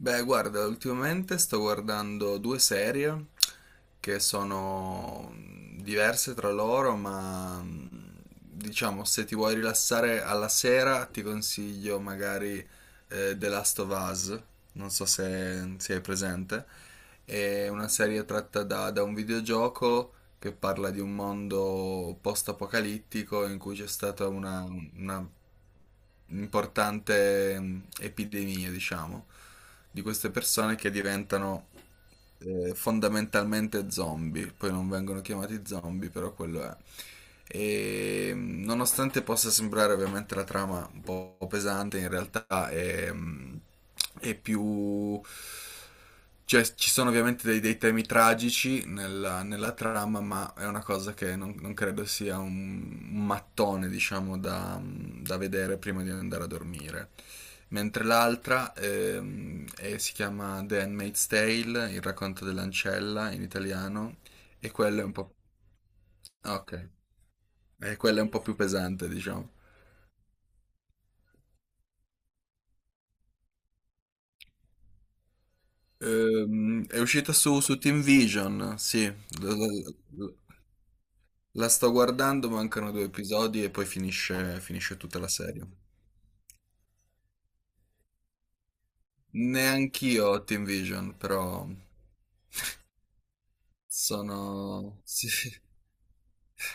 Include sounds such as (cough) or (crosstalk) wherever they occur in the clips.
Beh, guarda, ultimamente sto guardando due serie che sono diverse tra loro, diciamo se ti vuoi rilassare alla sera ti consiglio magari The Last of Us, non so se è presente, è una serie tratta da un videogioco che parla di un mondo post-apocalittico in cui c'è una importante epidemia, diciamo, di queste persone che diventano fondamentalmente zombie, poi non vengono chiamati zombie, però quello è. E nonostante possa sembrare ovviamente la trama un po' pesante, in realtà è è più... Cioè, ci sono ovviamente dei temi tragici nella trama, ma è una cosa che non credo sia un mattone, diciamo, da vedere prima di andare a dormire mentre l'altra si chiama The Handmaid's Tale, il racconto dell'ancella in italiano, e quella è un po'... Ah, ok, e quella è un po' più pesante, diciamo. È uscita su Team Vision, sì, la, la- la sto guardando, mancano due episodi e poi finisce, finisce tutta la serie. Neanch'io ho Team Vision, però sono... (laughs) Sì.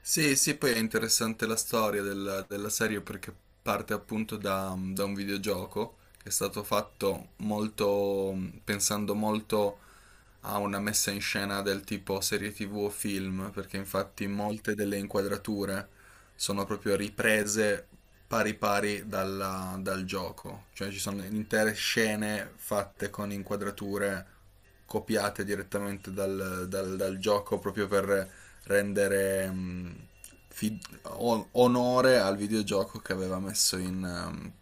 Sì, sì, poi è interessante la storia della serie perché parte appunto da un videogioco che è stato fatto molto, pensando molto a una messa in scena del tipo serie TV o film, perché infatti molte delle inquadrature sono proprio riprese pari pari dal gioco, cioè ci sono intere scene fatte con inquadrature copiate direttamente dal gioco proprio per rendere onore al videogioco che aveva messo in, um,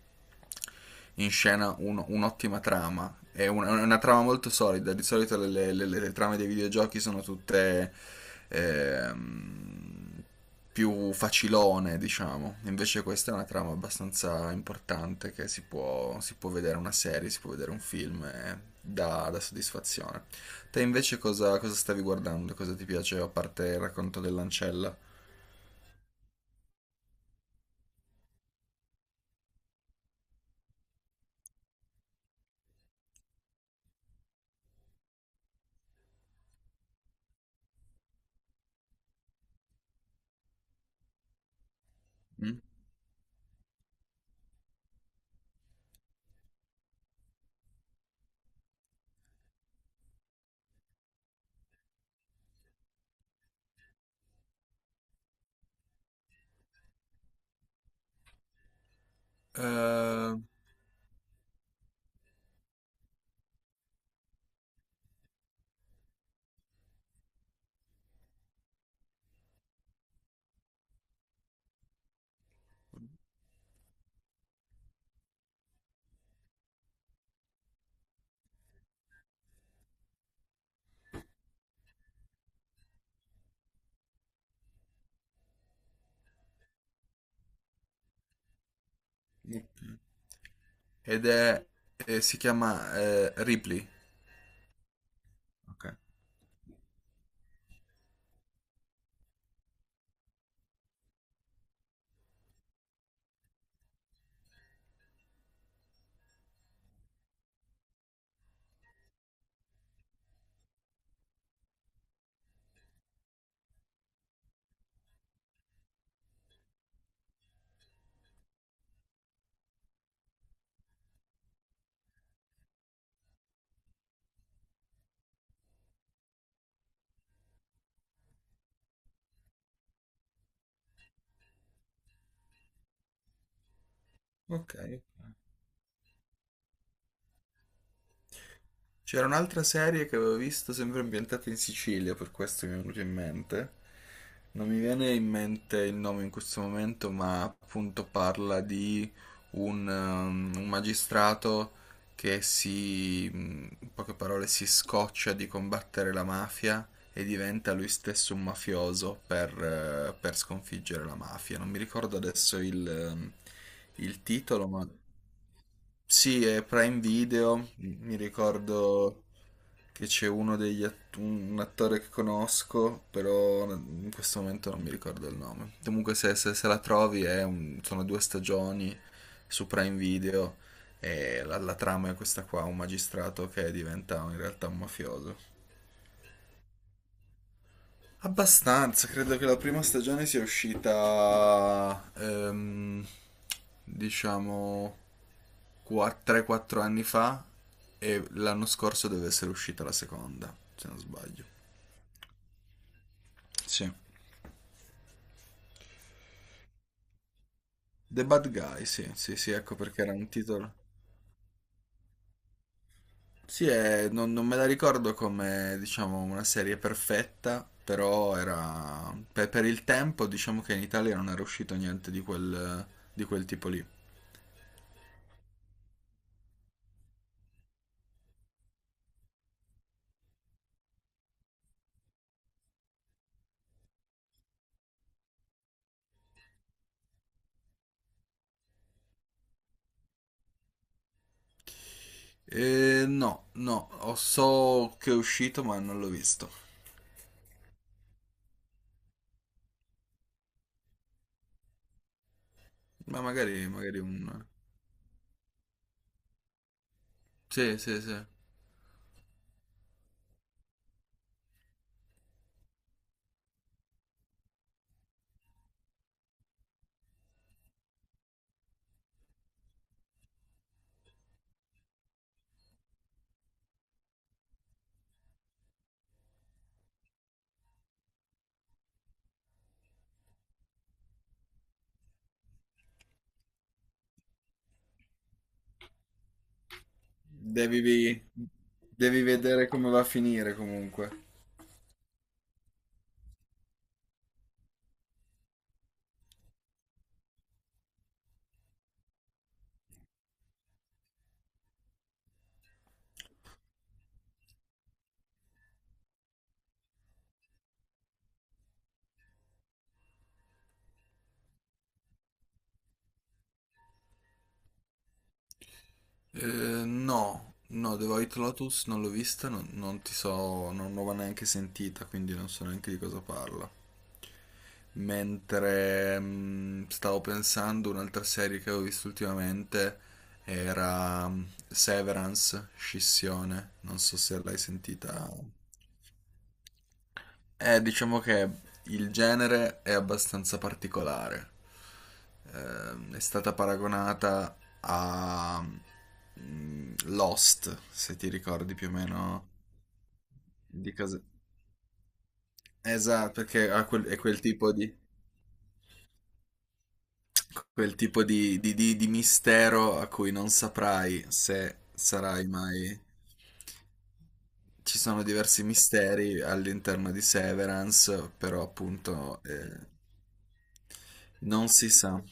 in scena un'ottima trama. È una trama molto solida. Di solito le trame dei videogiochi sono tutte ehm, più facilone, diciamo. Invece questa è una trama abbastanza importante che si si può vedere una serie, si può vedere un film e dà soddisfazione. Te invece cosa stavi guardando? Cosa ti piace a parte il racconto dell'ancella? Mm? Eh, ed è si chiama Ripley. Ok. Ok. C'era un'altra serie che avevo visto sempre ambientata in Sicilia, per questo mi è venuto in mente. Non mi viene in mente il nome in questo momento, ma appunto parla di un magistrato in poche parole, si scoccia di combattere la mafia e diventa lui stesso un mafioso per sconfiggere la mafia. Non mi ricordo adesso il il titolo, ma... Sì, è Prime Video, mi ricordo che c'è uno un attore che conosco, però in questo momento non mi ricordo il nome. Comunque se la trovi è sono due stagioni su Prime Video e la trama è questa qua, un magistrato che diventa in realtà un mafioso. Abbastanza, credo che la prima stagione sia uscita, diciamo, qua- 3-4 anni fa e l'anno scorso deve essere uscita la seconda, se non sbaglio. Sì. The Bad Guy, sì, sì, sì, ecco perché era un titolo. Sì, è- non me la ricordo come, diciamo, una serie perfetta, però era... per il tempo, diciamo che in Italia non era uscito niente di quel, di quel tipo lì. No, no, ho- so che è uscito ma non l'ho visto. Ma magari, magari un... Sì, sì, sì. Devi, devi vedere come va a finire comunque. Eh, no, no, The White Lotus non l'ho vista, non ti so, non l'ho neanche sentita, quindi non so neanche di cosa parla. Mentre stavo pensando, un'altra serie che avevo visto ultimamente era Severance, Scissione, non so se l'hai sentita. Diciamo che il genere è abbastanza particolare. È stata paragonata a Lost, se ti ricordi più o meno di cosa. Esatto, perché ha quel- è quel tipo di... Quel tipo di mistero a cui non saprai se sarai mai... Ci sono diversi misteri all'interno di Severance, però appunto non si sa.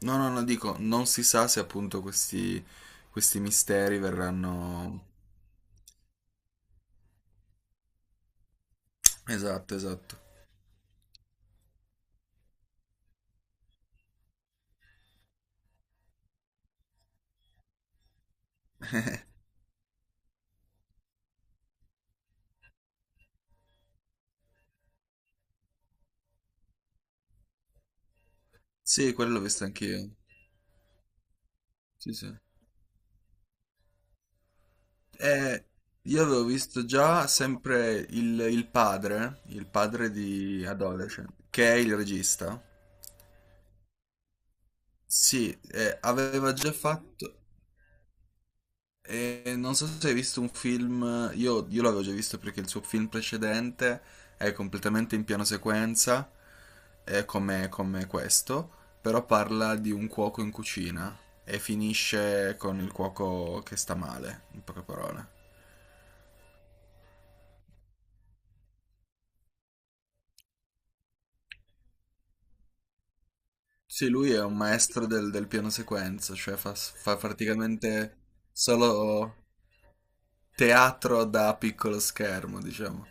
No, no, no, dico, non si sa se appunto questi misteri verranno... Esatto, esatto. Sì, quello l'ho visto anch'io. Sì, sì. Eh, io avevo visto già sempre il padre di Adolescent, che è il regista. Sì, aveva già fatto, non so se hai visto un film, io l'avevo già visto perché il suo film precedente è completamente in piano sequenza, come, come questo, però parla di un cuoco in cucina e finisce con il cuoco che sta male, in poche parole. Sì, lui è un maestro del piano sequenza, cioè fa praticamente solo teatro da piccolo schermo, diciamo.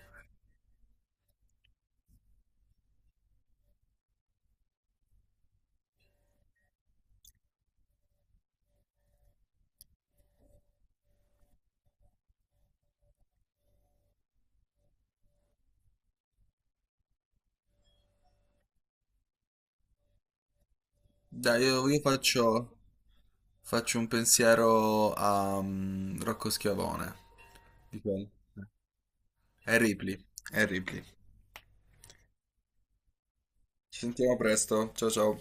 Dai, io faccio, faccio un pensiero a Rocco Schiavone. Di quello. È Ripley, è Ripley. Ci sentiamo presto, ciao ciao.